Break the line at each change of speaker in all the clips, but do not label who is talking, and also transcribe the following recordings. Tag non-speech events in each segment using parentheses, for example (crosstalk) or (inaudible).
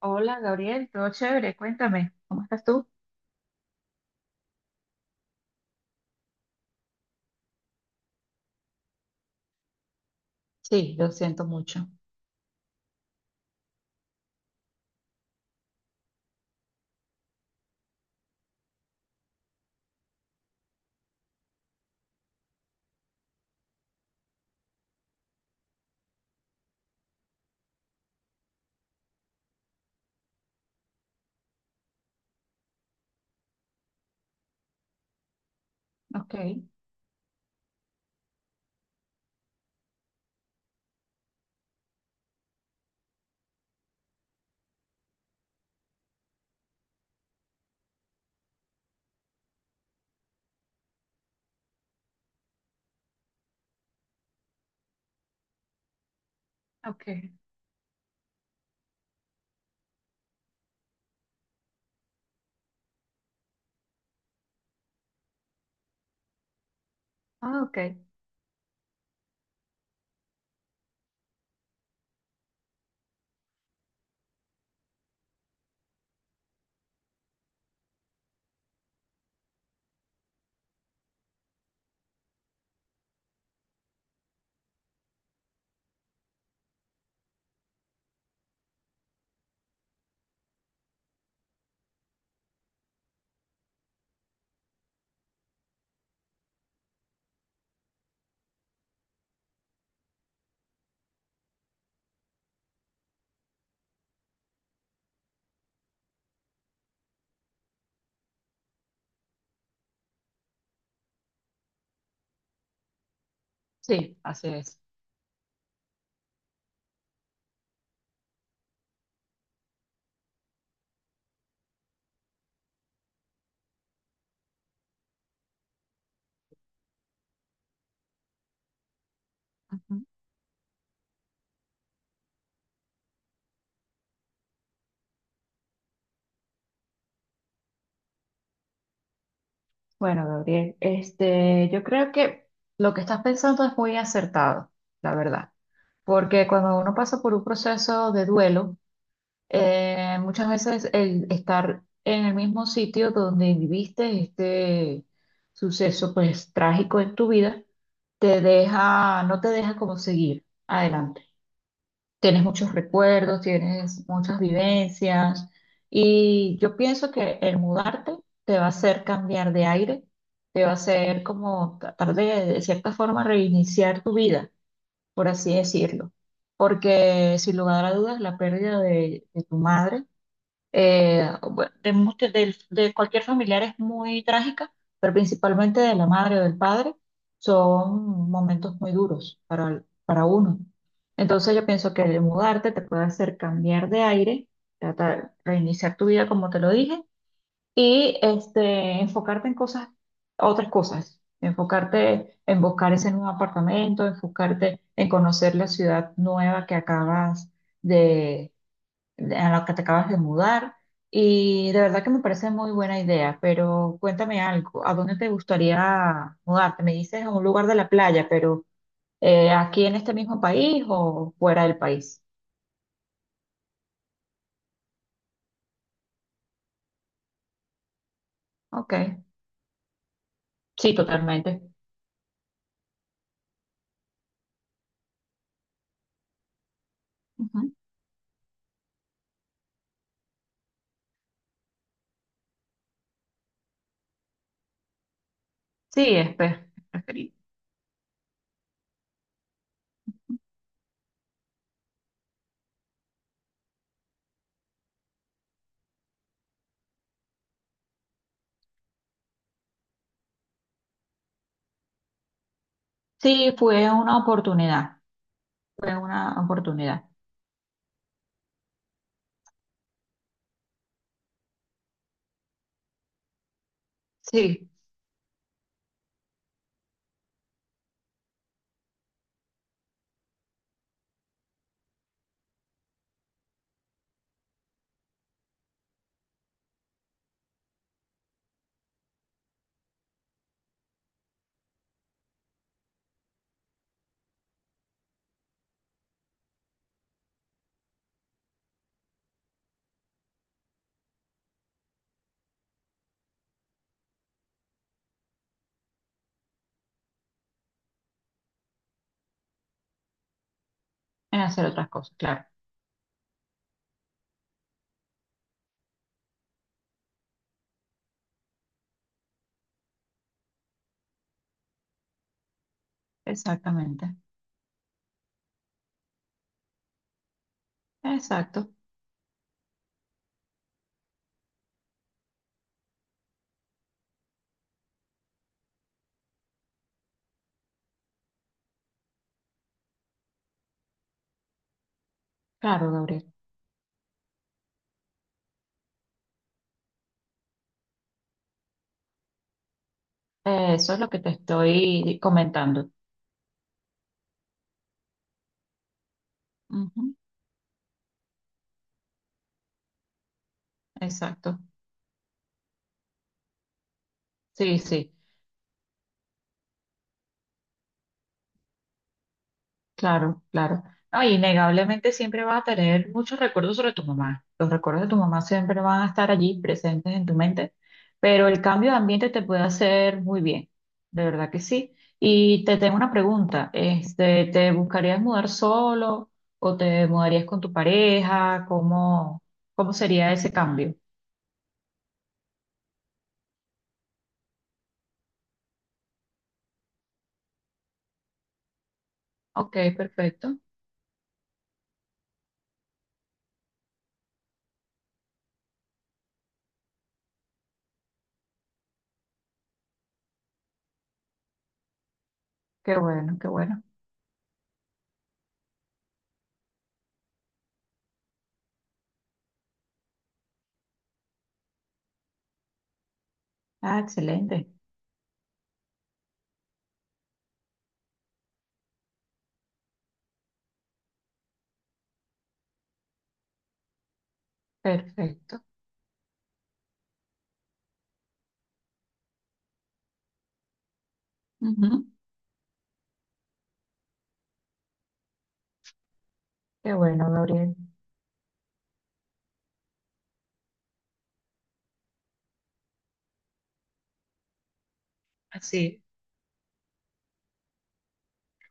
Hola Gabriel, todo chévere, cuéntame, ¿cómo estás tú? Sí, lo siento mucho. Ok. Ok. Ah, ok. Sí, así es. Ujú. Bueno, Gabriel, yo creo que lo que estás pensando es muy acertado, la verdad. Porque cuando uno pasa por un proceso de duelo, muchas veces el estar en el mismo sitio donde viviste este suceso, pues, trágico en tu vida, te deja, no te deja como seguir adelante. Tienes muchos recuerdos, tienes muchas vivencias y yo pienso que el mudarte te va a hacer cambiar de aire, te va a hacer como tratar de cierta forma, reiniciar tu vida, por así decirlo. Porque sin lugar a dudas, la pérdida de tu madre, bueno, de, muchos- del- de cualquier familiar es muy trágica, pero principalmente de la madre o del padre, son momentos muy duros para uno. Entonces yo pienso que el mudarte te puede hacer cambiar de aire, tratar, reiniciar tu vida como te lo dije, y enfocarte en cosas, otras cosas, enfocarte en buscar ese nuevo apartamento, enfocarte en conocer la ciudad nueva que acabas a la que te acabas de mudar. Y de verdad que me parece muy buena idea, pero cuéntame algo, ¿a dónde te gustaría mudarte? Me dices a un lugar de la playa, pero ¿aquí en este mismo país o fuera del país? Ok, sí, totalmente. Ujú. Sí, es pe- preferido. Sí, fue una oportunidad, fue una oportunidad. Sí, en hacer otras cosas, claro. Exactamente, exacto, claro, Gabriel. Eso es lo que te estoy comentando. Ujú. Exacto. Sí, sí, claro, claro. No, innegablemente siempre vas a tener muchos recuerdos sobre tu mamá. Los recuerdos de tu mamá siempre van a estar allí presentes en tu mente, pero el cambio de ambiente te puede hacer muy bien, de verdad que sí. Y te tengo una pregunta, este, ¿te buscarías mudar solo o te mudarías con tu pareja? ¿Cómo, cómo sería ese cambio? Ok, perfecto. Qué bueno, qué bueno. Ah, excelente. Perfecto. Ujú. Qué bueno, Gabriel. Así.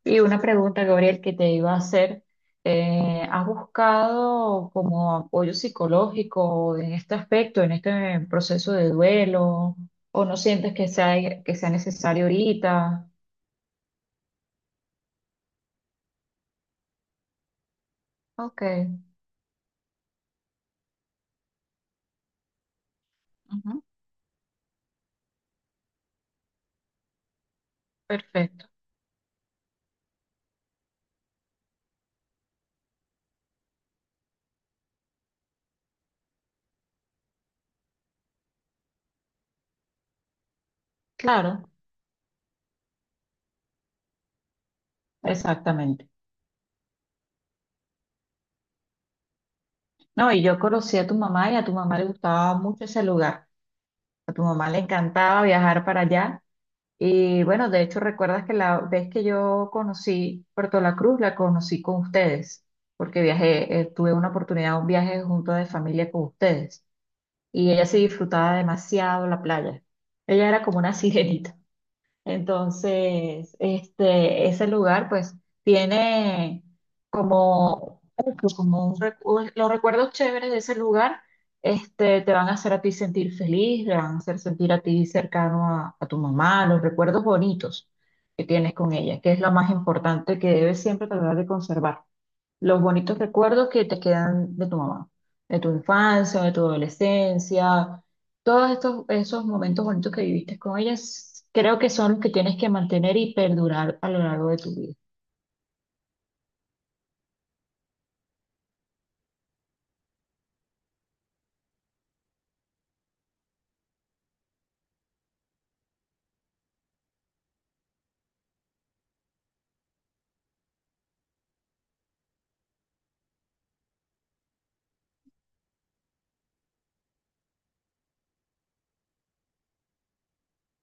Y una pregunta, Gabriel, que te iba a hacer. ¿Has buscado como apoyo psicológico en este aspecto, en este proceso de duelo? ¿O no sientes que sea necesario ahorita? Ok, ujú, perfecto. Claro, exactamente. No, y yo conocí a tu mamá y a tu mamá le gustaba mucho ese lugar. A tu mamá le encantaba viajar para allá. Y bueno, de hecho, recuerdas que la vez que yo conocí Puerto La Cruz, la conocí con ustedes, porque viajé, tuve una oportunidad, un viaje junto de familia con ustedes. Y ella sí disfrutaba demasiado la playa. Ella era como una (laughs) sirenita. Entonces, ese lugar pues tiene como, como un recu- los recuerdos chéveres de ese lugar, este, te van a hacer a ti sentir feliz, te van a hacer sentir a ti cercano a tu mamá, los recuerdos bonitos que tienes con ella, que es lo más importante que debes siempre tratar de conservar. Los bonitos recuerdos que te quedan de tu mamá, de tu infancia, de tu adolescencia, todos estos, esos momentos bonitos que viviste con ellas, creo que son los que tienes que mantener y perdurar a lo largo de tu vida.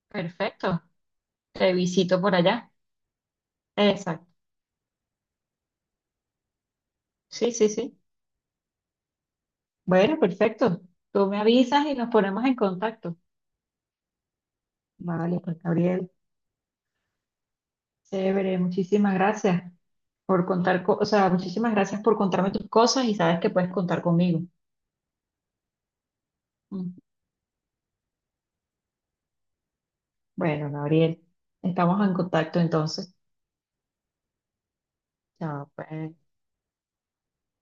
Perfecto. Te visito por allá. Exacto. Sí, sí, sí. Bueno, perfecto. Tú me avisas y nos ponemos en contacto. Vale, pues Gabriel, chévere, muchísimas gracias por contar, co- o sea, muchísimas gracias por contarme tus cosas y sabes que puedes contar conmigo. Bueno, Gabriel, estamos en contacto entonces. Chao, pues.